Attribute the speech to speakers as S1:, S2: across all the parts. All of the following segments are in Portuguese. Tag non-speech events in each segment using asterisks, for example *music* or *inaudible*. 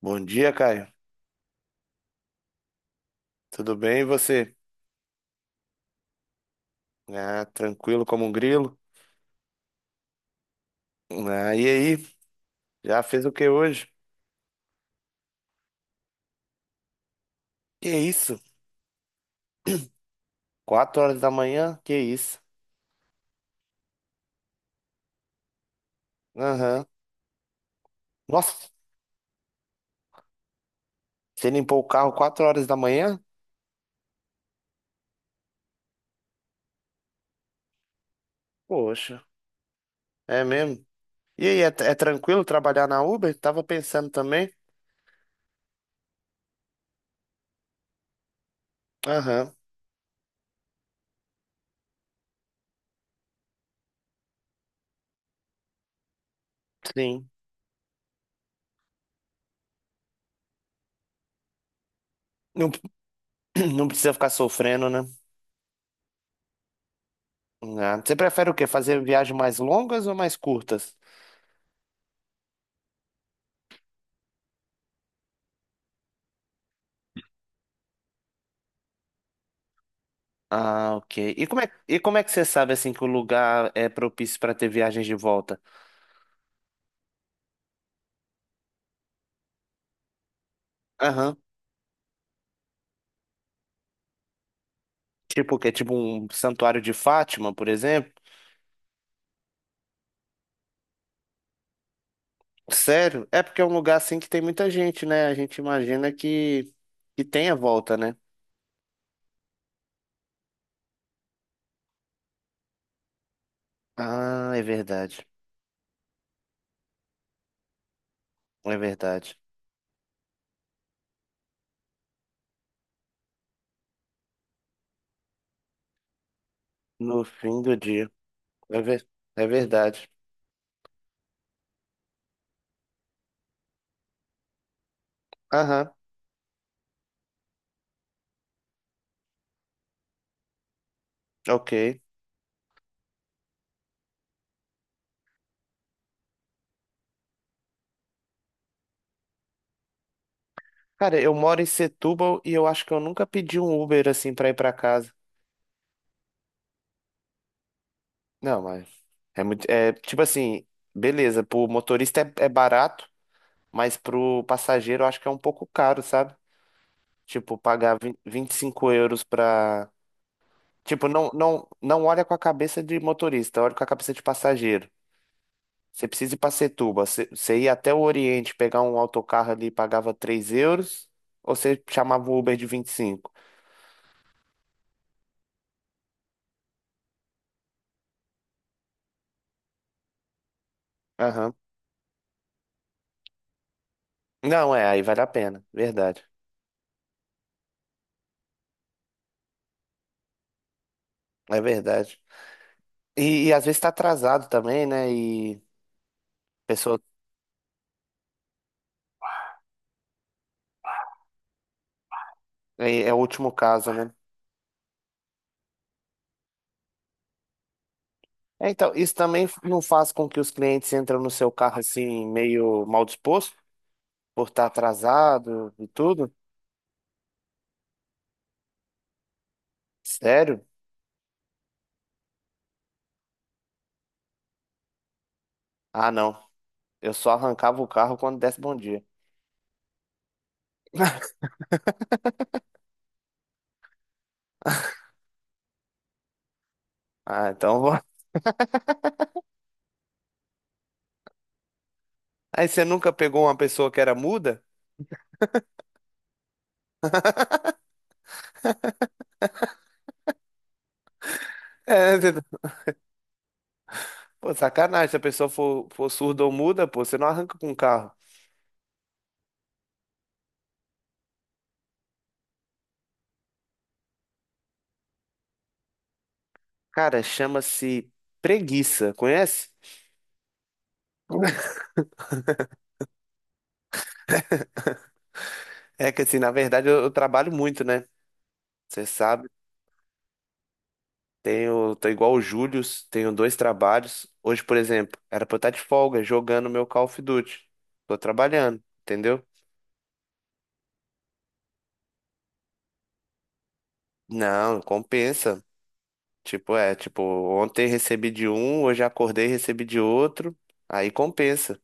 S1: Bom dia, Caio. Tudo bem e você? Ah, tranquilo como um grilo. Ah, e aí? Já fez o que hoje? Que isso? 4 horas da manhã? Que isso? Aham. Nossa, você limpou o carro 4 horas da manhã? Poxa, é mesmo? E aí, é tranquilo trabalhar na Uber? Tava pensando também. Aham, sim. Não, *clears throat* não precisa ficar sofrendo, né? Ah, você prefere o quê? Fazer viagens mais longas ou mais curtas? Ah, ok. E como é que você sabe assim que o lugar é propício para ter viagens de volta? Aham. Tipo o quê? Tipo um Santuário de Fátima, por exemplo? Sério? É porque é um lugar assim que tem muita gente, né? A gente imagina que tenha volta, né? Ah, é verdade. É verdade. No fim do dia. É, é verdade. Aham, ok. Cara, eu moro em Setúbal e eu acho que eu nunca pedi um Uber assim pra ir pra casa. Não, mas é muito. É tipo assim, beleza, pro motorista é barato, mas pro passageiro eu acho que é um pouco caro, sabe? Tipo, pagar 25 euros pra. Tipo, não, não, não olha com a cabeça de motorista, olha com a cabeça de passageiro. Você precisa ir pra Setúbal, você ia até o Oriente, pegar um autocarro ali e pagava 3 euros, ou você chamava o Uber de 25. Aham. Não, é, aí vale a pena, verdade. É verdade. E às vezes tá atrasado também, né? E. Pessoa é o último caso, né? É, então, isso também não faz com que os clientes entram no seu carro assim, meio mal disposto, por estar atrasado e tudo? Sério? Ah, não. Eu só arrancava o carro quando desse bom dia. Ah, então. *laughs* Aí você nunca pegou uma pessoa que era muda? É, pô, sacanagem. Se a pessoa for surda ou muda, pô, você não arranca com o carro. Cara, chama-se preguiça, conhece? *laughs* É que assim, na verdade eu trabalho muito, né? Você sabe. Tô igual o Júlio, tenho dois trabalhos. Hoje, por exemplo, era pra eu estar de folga jogando meu Call of Duty. Tô trabalhando, entendeu? Não, compensa. Tipo, ontem recebi de um, hoje acordei e recebi de outro. Aí compensa.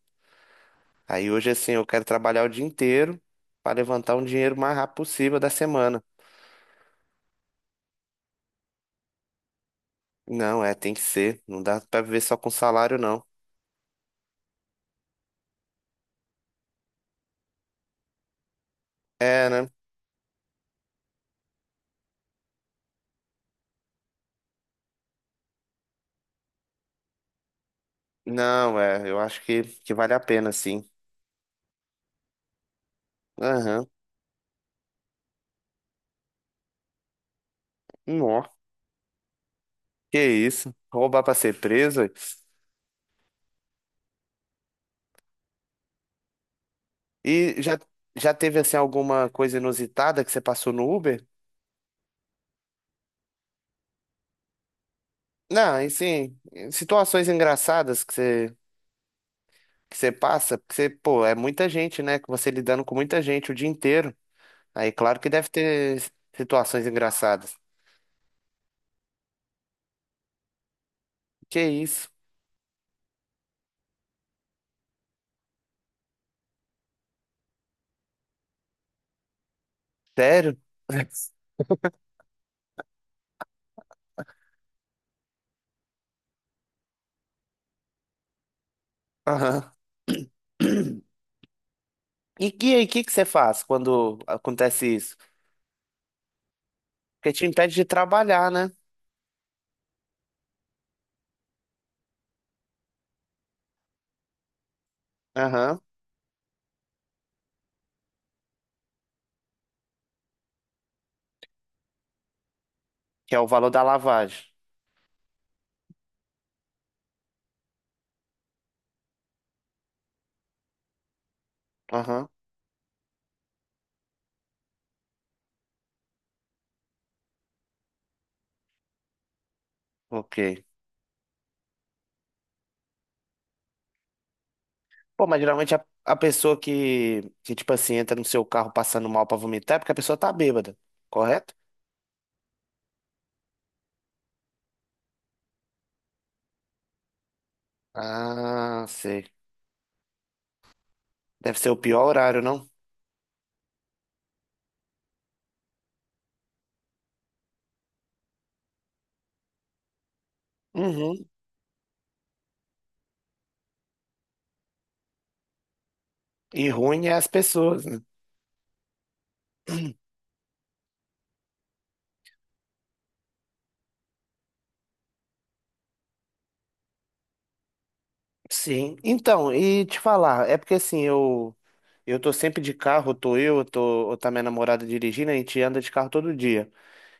S1: Aí hoje, assim, eu quero trabalhar o dia inteiro pra levantar um dinheiro o mais rápido possível da semana. Não, é, tem que ser. Não dá pra viver só com salário, não. É, né? Não, é, eu acho que vale a pena, sim. Aham. Nossa. Que isso? Roubar pra ser preso? Ué. E já teve assim alguma coisa inusitada que você passou no Uber? Não, e sim, situações engraçadas que você passa, porque você, pô, é muita gente, né? Que você lidando com muita gente o dia inteiro. Aí, claro que deve ter situações engraçadas. Que isso? Sério? Aham. *clears throat* E que aí, que você faz quando acontece isso? Porque te impede de trabalhar, né? Aham. Que é o valor da lavagem. Aham. Ok. Pô, mas geralmente a pessoa tipo assim, entra no seu carro passando mal pra vomitar é porque a pessoa tá bêbada, correto? Ah, sei. Deve ser o pior horário, não? Uhum. E ruim é as pessoas, né? Sim. Então, e te falar, é porque assim, eu tô sempre de carro, tô eu, tô, ou tá minha namorada dirigindo, a gente anda de carro todo dia.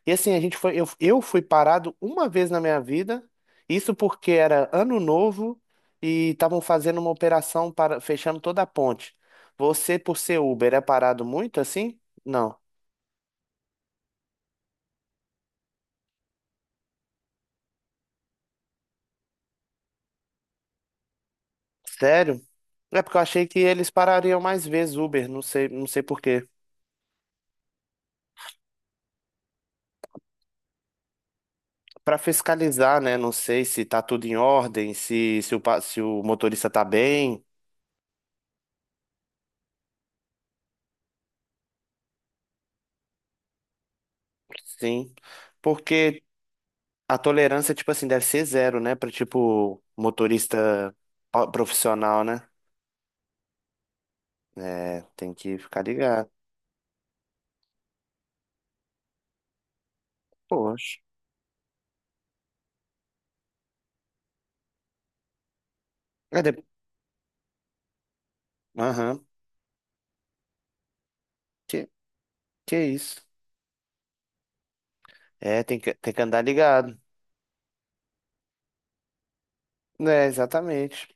S1: E assim, a gente foi, eu fui parado uma vez na minha vida, isso porque era ano novo e estavam fazendo uma operação para fechando toda a ponte. Você, por ser Uber, é parado muito assim? Não. Sério? É porque eu achei que eles parariam mais vezes Uber, não sei, não sei por quê. Para fiscalizar, né? Não sei se tá tudo em ordem, se o motorista tá bem. Sim. Porque, a tolerância, tipo assim, deve ser zero, né? Pra, tipo, motorista profissional, né? É, tem que ficar ligado. Poxa. É de... Aham. Que, que isso? É, tem que andar ligado. É, exatamente.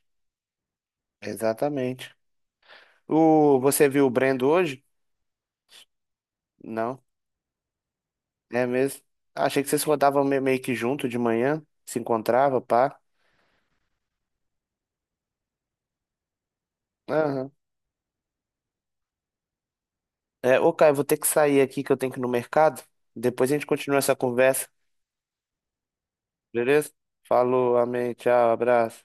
S1: Exatamente. O, você viu o Brendo hoje? Não. É mesmo? Achei que vocês rodavam meio que junto de manhã, se encontrava, pá. Aham. É, ô, Caio, vou ter que sair aqui que eu tenho que ir no mercado. Depois a gente continua essa conversa. Beleza? Falou, amém, tchau, abraço.